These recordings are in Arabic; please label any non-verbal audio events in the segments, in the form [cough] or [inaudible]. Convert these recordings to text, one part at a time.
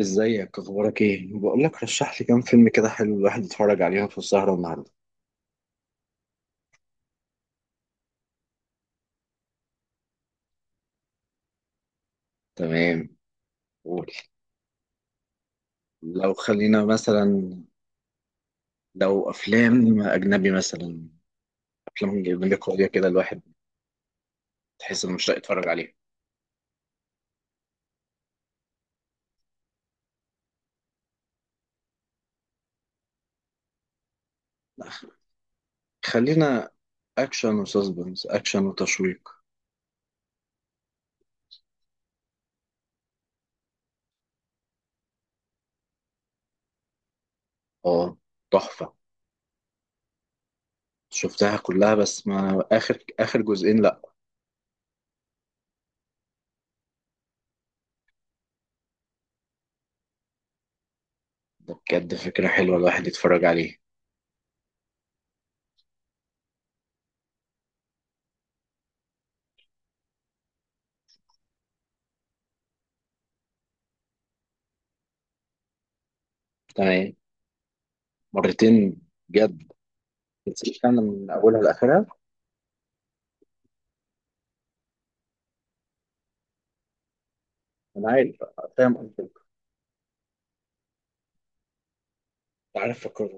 ازيك، اخبارك ايه؟ بقول لك، رشح لي كام فيلم كده حلو الواحد يتفرج عليهم في السهرة النهاردة. تمام. قول. لو خلينا مثلا، لو افلام اجنبي مثلا، افلام اجنبي قوية كده الواحد تحس انه مشتاق يتفرج عليها. خلينا اكشن وتشويق. اه، تحفة. شفتها كلها بس ما اخر جزئين، لا. ده بجد فكرة حلوة الواحد يتفرج عليه. تمام. مرتين؟ بجد؟ تسيب من اولها لاخرها؟ انا عارف، فاهم قصدك. عارف،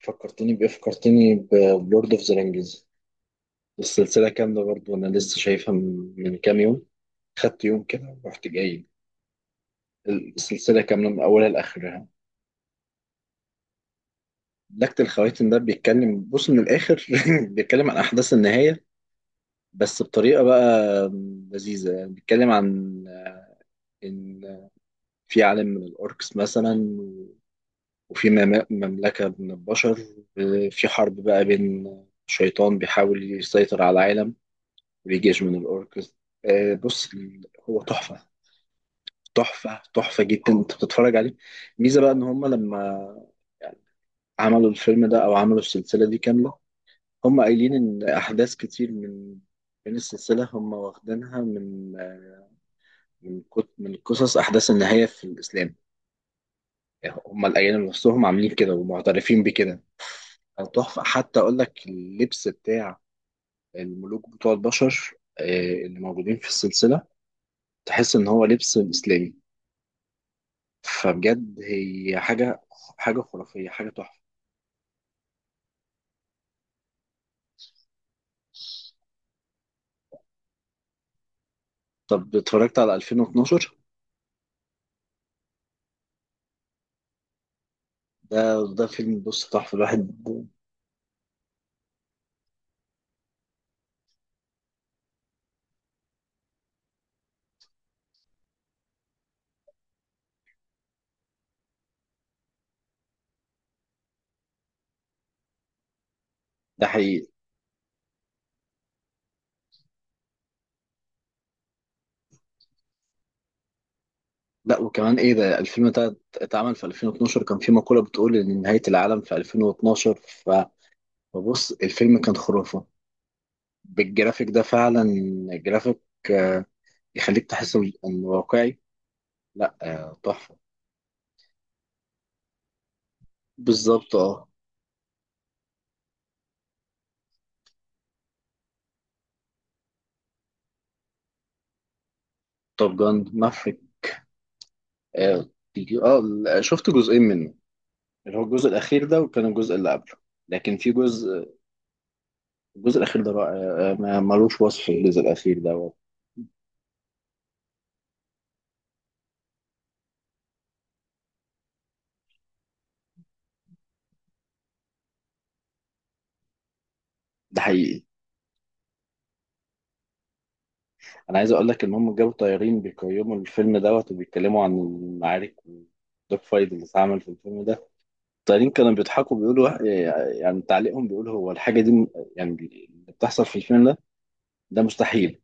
فكرتني بايه. بلورد اوف ذا رينجز. السلسله كامله برضو انا لسه شايفها من كام يوم. خدت يوم كده ورحت جاي. السلسله كامله من اولها لاخرها. لكت الخواتم ده بيتكلم، بص من الاخر [laughs] بيتكلم عن احداث النهايه، بس بطريقه بقى لذيذه. يعني بيتكلم عن ان في عالم من الاوركس مثلا، وفي مملكة من البشر، في حرب بقى بين شيطان بيحاول يسيطر على العالم وجيش من الأوركس. بص، هو تحفة. تحفة تحفة جدا انت بتتفرج عليه. ميزة بقى ان هما لما عملوا الفيلم ده او عملوا السلسلة دي كاملة، هما قايلين ان احداث كتير من السلسلة هما واخدينها من من قصص احداث النهاية في الاسلام. يعني هما اللي قايلين نفسهم عاملين كده ومعترفين بكده. تحفة. حتى أقول لك اللبس بتاع الملوك بتوع البشر اللي موجودين في السلسلة تحس إن هو لبس إسلامي. فبجد هي حاجة، حاجة خرافية، حاجة تحفة. طب اتفرجت على 2012؟ ده فيلم، بص، تحفة الواحد. ده حقيقي. لا، وكمان إيه، ده الفيلم ده اتعمل في 2012، كان في مقولة بتقول إن نهاية العالم في 2012، فبص الفيلم كان خرافة. بالجرافيك ده فعلا. جرافيك آه، يخليك تحس إنه واقعي. لا تحفة. بالظبط، اه. توب جان مافريك. اه، لا، شفت جزئين منه، اللي هو الجزء الأخير ده، وكان الجزء اللي قبله، لكن في جزء. الجزء الأخير ده رائع. ملوش وصف الجزء الأخير ده. ده حقيقي. أنا عايز أقول لك إن هم جابوا طيارين بيقيموا الفيلم دوت وبيتكلموا عن المعارك والدوج فايت اللي اتعمل في الفيلم ده. الطيارين كانوا بيضحكوا بيقولوا، يعني تعليقهم بيقول، هو الحاجة دي يعني اللي بتحصل في الفيلم ده ده مستحيل،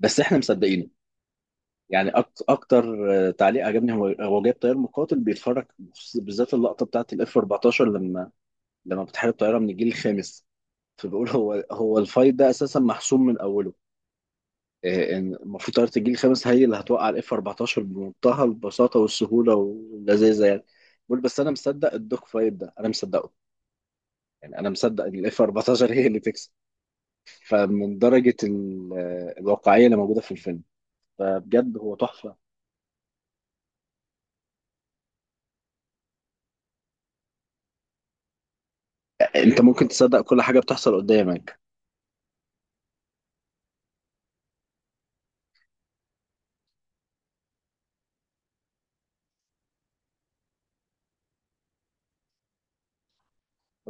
بس إحنا مصدقين يعني. اكتر تعليق عجبني هو جايب طيار مقاتل بيتفرج بالذات اللقطه بتاعت الاف 14 لما بتحارب طياره من الجيل الخامس، فبيقول هو الفايت ده اساسا محسوم من اوله. ان المفروض طياره الجيل الخامس هي اللي هتوقع الاف 14 بمنتهى البساطه والسهوله واللذاذه يعني. بيقول، بس انا مصدق الدوك فايت ده، انا مصدقه. يعني انا مصدق ان الاف 14 هي اللي تكسب. فمن درجه الواقعيه اللي موجوده في الفيلم، فبجد هو تحفه. انت ممكن تصدق كل حاجه بتحصل قدامك.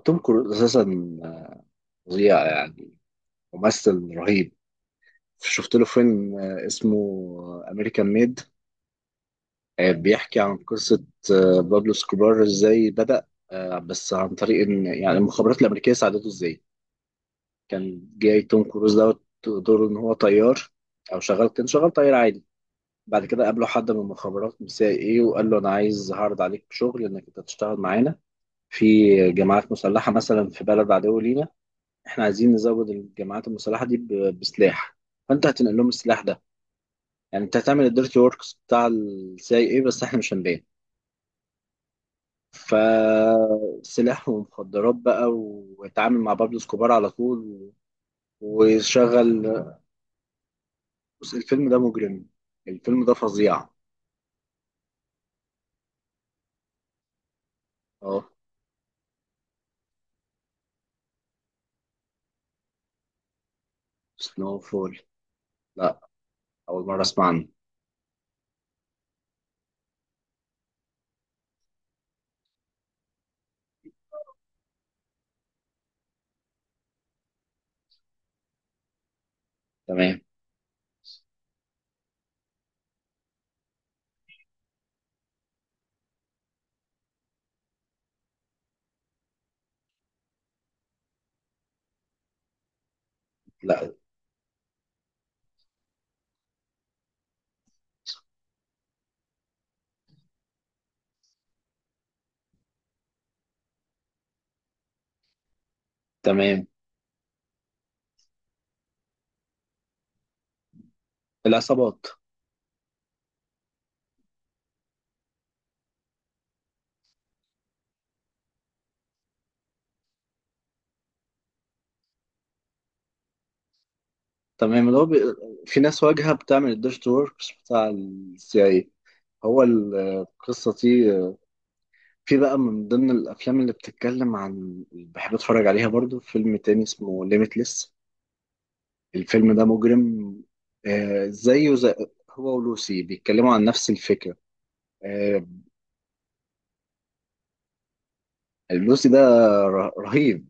توم كروز اساسا فظيع يعني، ممثل رهيب. شفت له فيلم اسمه امريكان ميد. بيحكي عن قصة بابلو سكوبار، ازاي بدأ، بس عن طريق ان يعني المخابرات الامريكية ساعدته ازاي. كان جاي توم كروز دوت دوره ان هو طيار، او شغال، كان شغال طيار عادي. بعد كده قابله حد من المخابرات، من سي ايه، وقال له انا عايز، هعرض عليك شغل انك انت تشتغل معانا في جماعات مسلحة مثلا في بلد عدو لينا. احنا عايزين نزود الجماعات المسلحه دي بسلاح، فانت هتنقل لهم السلاح ده. يعني انت هتعمل الديرتي وركس بتاع السي ايه، بس احنا مش هنبين. فسلاح ومخدرات بقى، واتعامل مع بابلو اسكوبار على طول وشغل. بص الفيلم ده مجرم. الفيلم ده فظيع. اه. سنو فول. لا، اول مره اسمع عنه. تمام. لا. تمام. العصابات. تمام. في ناس واجهه بتعمل الديرتي وركس بتاع السي اي، هو القصة دي. في بقى من ضمن الافلام اللي بتتكلم عن، بحب اتفرج عليها برضو، فيلم تاني اسمه ليميتلس. الفيلم ده مجرم. آه زيه زي، هو ولوسي بيتكلموا عن نفس الفكرة. آه، لوسي ده رهيب.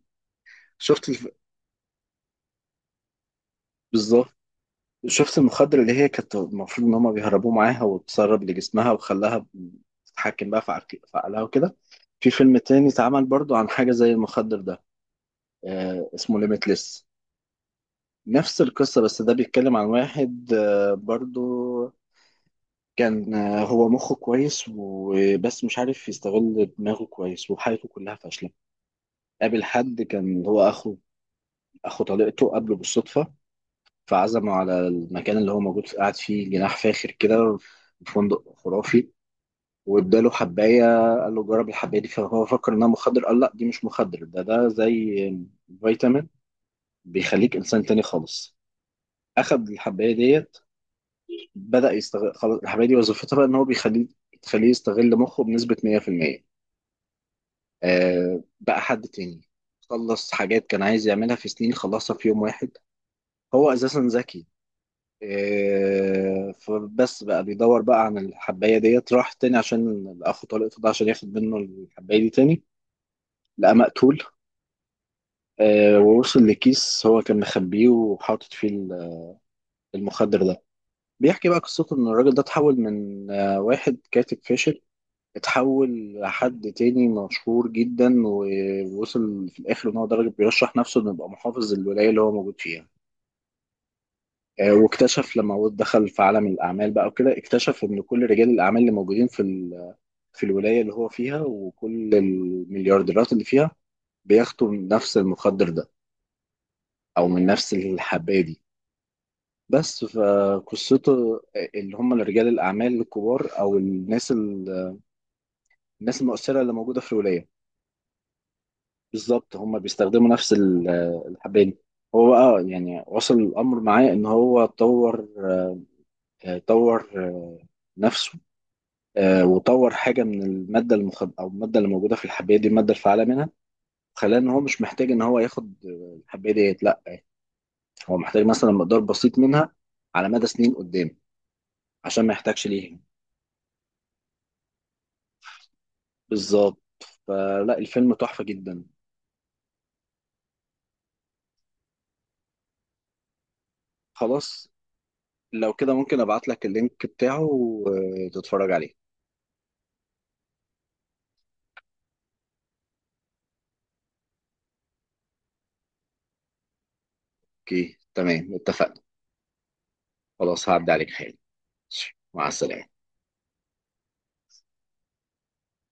شفت الف... بالظبط. شفت المخدر اللي هي كانت المفروض ان هما بيهربوا معاها، وتسرب لجسمها، وخلاها تتحكم بقى في عقلها وكده. في فيلم تاني اتعمل برضو عن حاجة زي المخدر ده، آه، اسمه ليميتلس. نفس القصة، بس ده بيتكلم عن واحد برضو، كان هو مخه كويس، وبس مش عارف يستغل دماغه كويس، وحياته كلها فاشلة. قابل حد كان هو أخو طليقته، قابله بالصدفة، فعزمه على المكان اللي هو موجود قاعد فيه، جناح فاخر كده في فندق خرافي، واداله حباية. قال له جرب الحباية دي. فهو فكر إنها مخدر، قال لا دي مش مخدر، ده زي فيتامين، بيخليك إنسان تاني خالص. أخد الحباية ديت، بدأ يستغل، خلاص الحمادي وظيفتها بقى ان هو تخليه يستغل مخه بنسبة 100%، آه بقى حد تاني. خلص حاجات كان عايز يعملها في سنين، خلصها في يوم واحد. هو اساسا ذكي. آه، فبس بقى بيدور بقى عن الحباية ديت، راح تاني عشان اخو طليقته ده، عشان ياخد منه الحباية دي تاني، لقى مقتول. آه، ووصل لكيس هو كان مخبيه، وحاطط فيه المخدر ده. بيحكي بقى قصته ان الراجل ده اتحول من واحد كاتب فاشل، اتحول لحد تاني مشهور جدا، ووصل في الآخر إن هو درجة بيرشح نفسه إنه يبقى محافظ للولاية اللي هو موجود فيها. واكتشف لما هو دخل في عالم الأعمال بقى وكده، اكتشف إن كل رجال الأعمال اللي موجودين في في الولاية اللي هو فيها، وكل المليارديرات اللي فيها بياخدوا من نفس المخدر ده أو من نفس الحباية دي، بس فقصته. اللي هم رجال الأعمال الكبار أو الناس الناس المؤثرة اللي موجودة في الولاية. بالظبط، هما بيستخدموا نفس الحباية دي. هو بقى يعني وصل الأمر معاه إن هو طور نفسه. وطور حاجة من المادة المخد أو المادة اللي موجودة في الحباية دي، المادة الفعالة منها، خلاه إن هو مش محتاج إن هو ياخد الحباية ديت، لأ. هو محتاج مثلا مقدار بسيط منها على مدى سنين قدام، عشان ما يحتاجش ليها. بالظبط. فلا الفيلم تحفة جدا. خلاص، لو كده ممكن أبعت لك اللينك بتاعه وتتفرج عليه. أوكي، تمام، اتفقنا. خلاص هعدي عليك حالا. مع السلامة.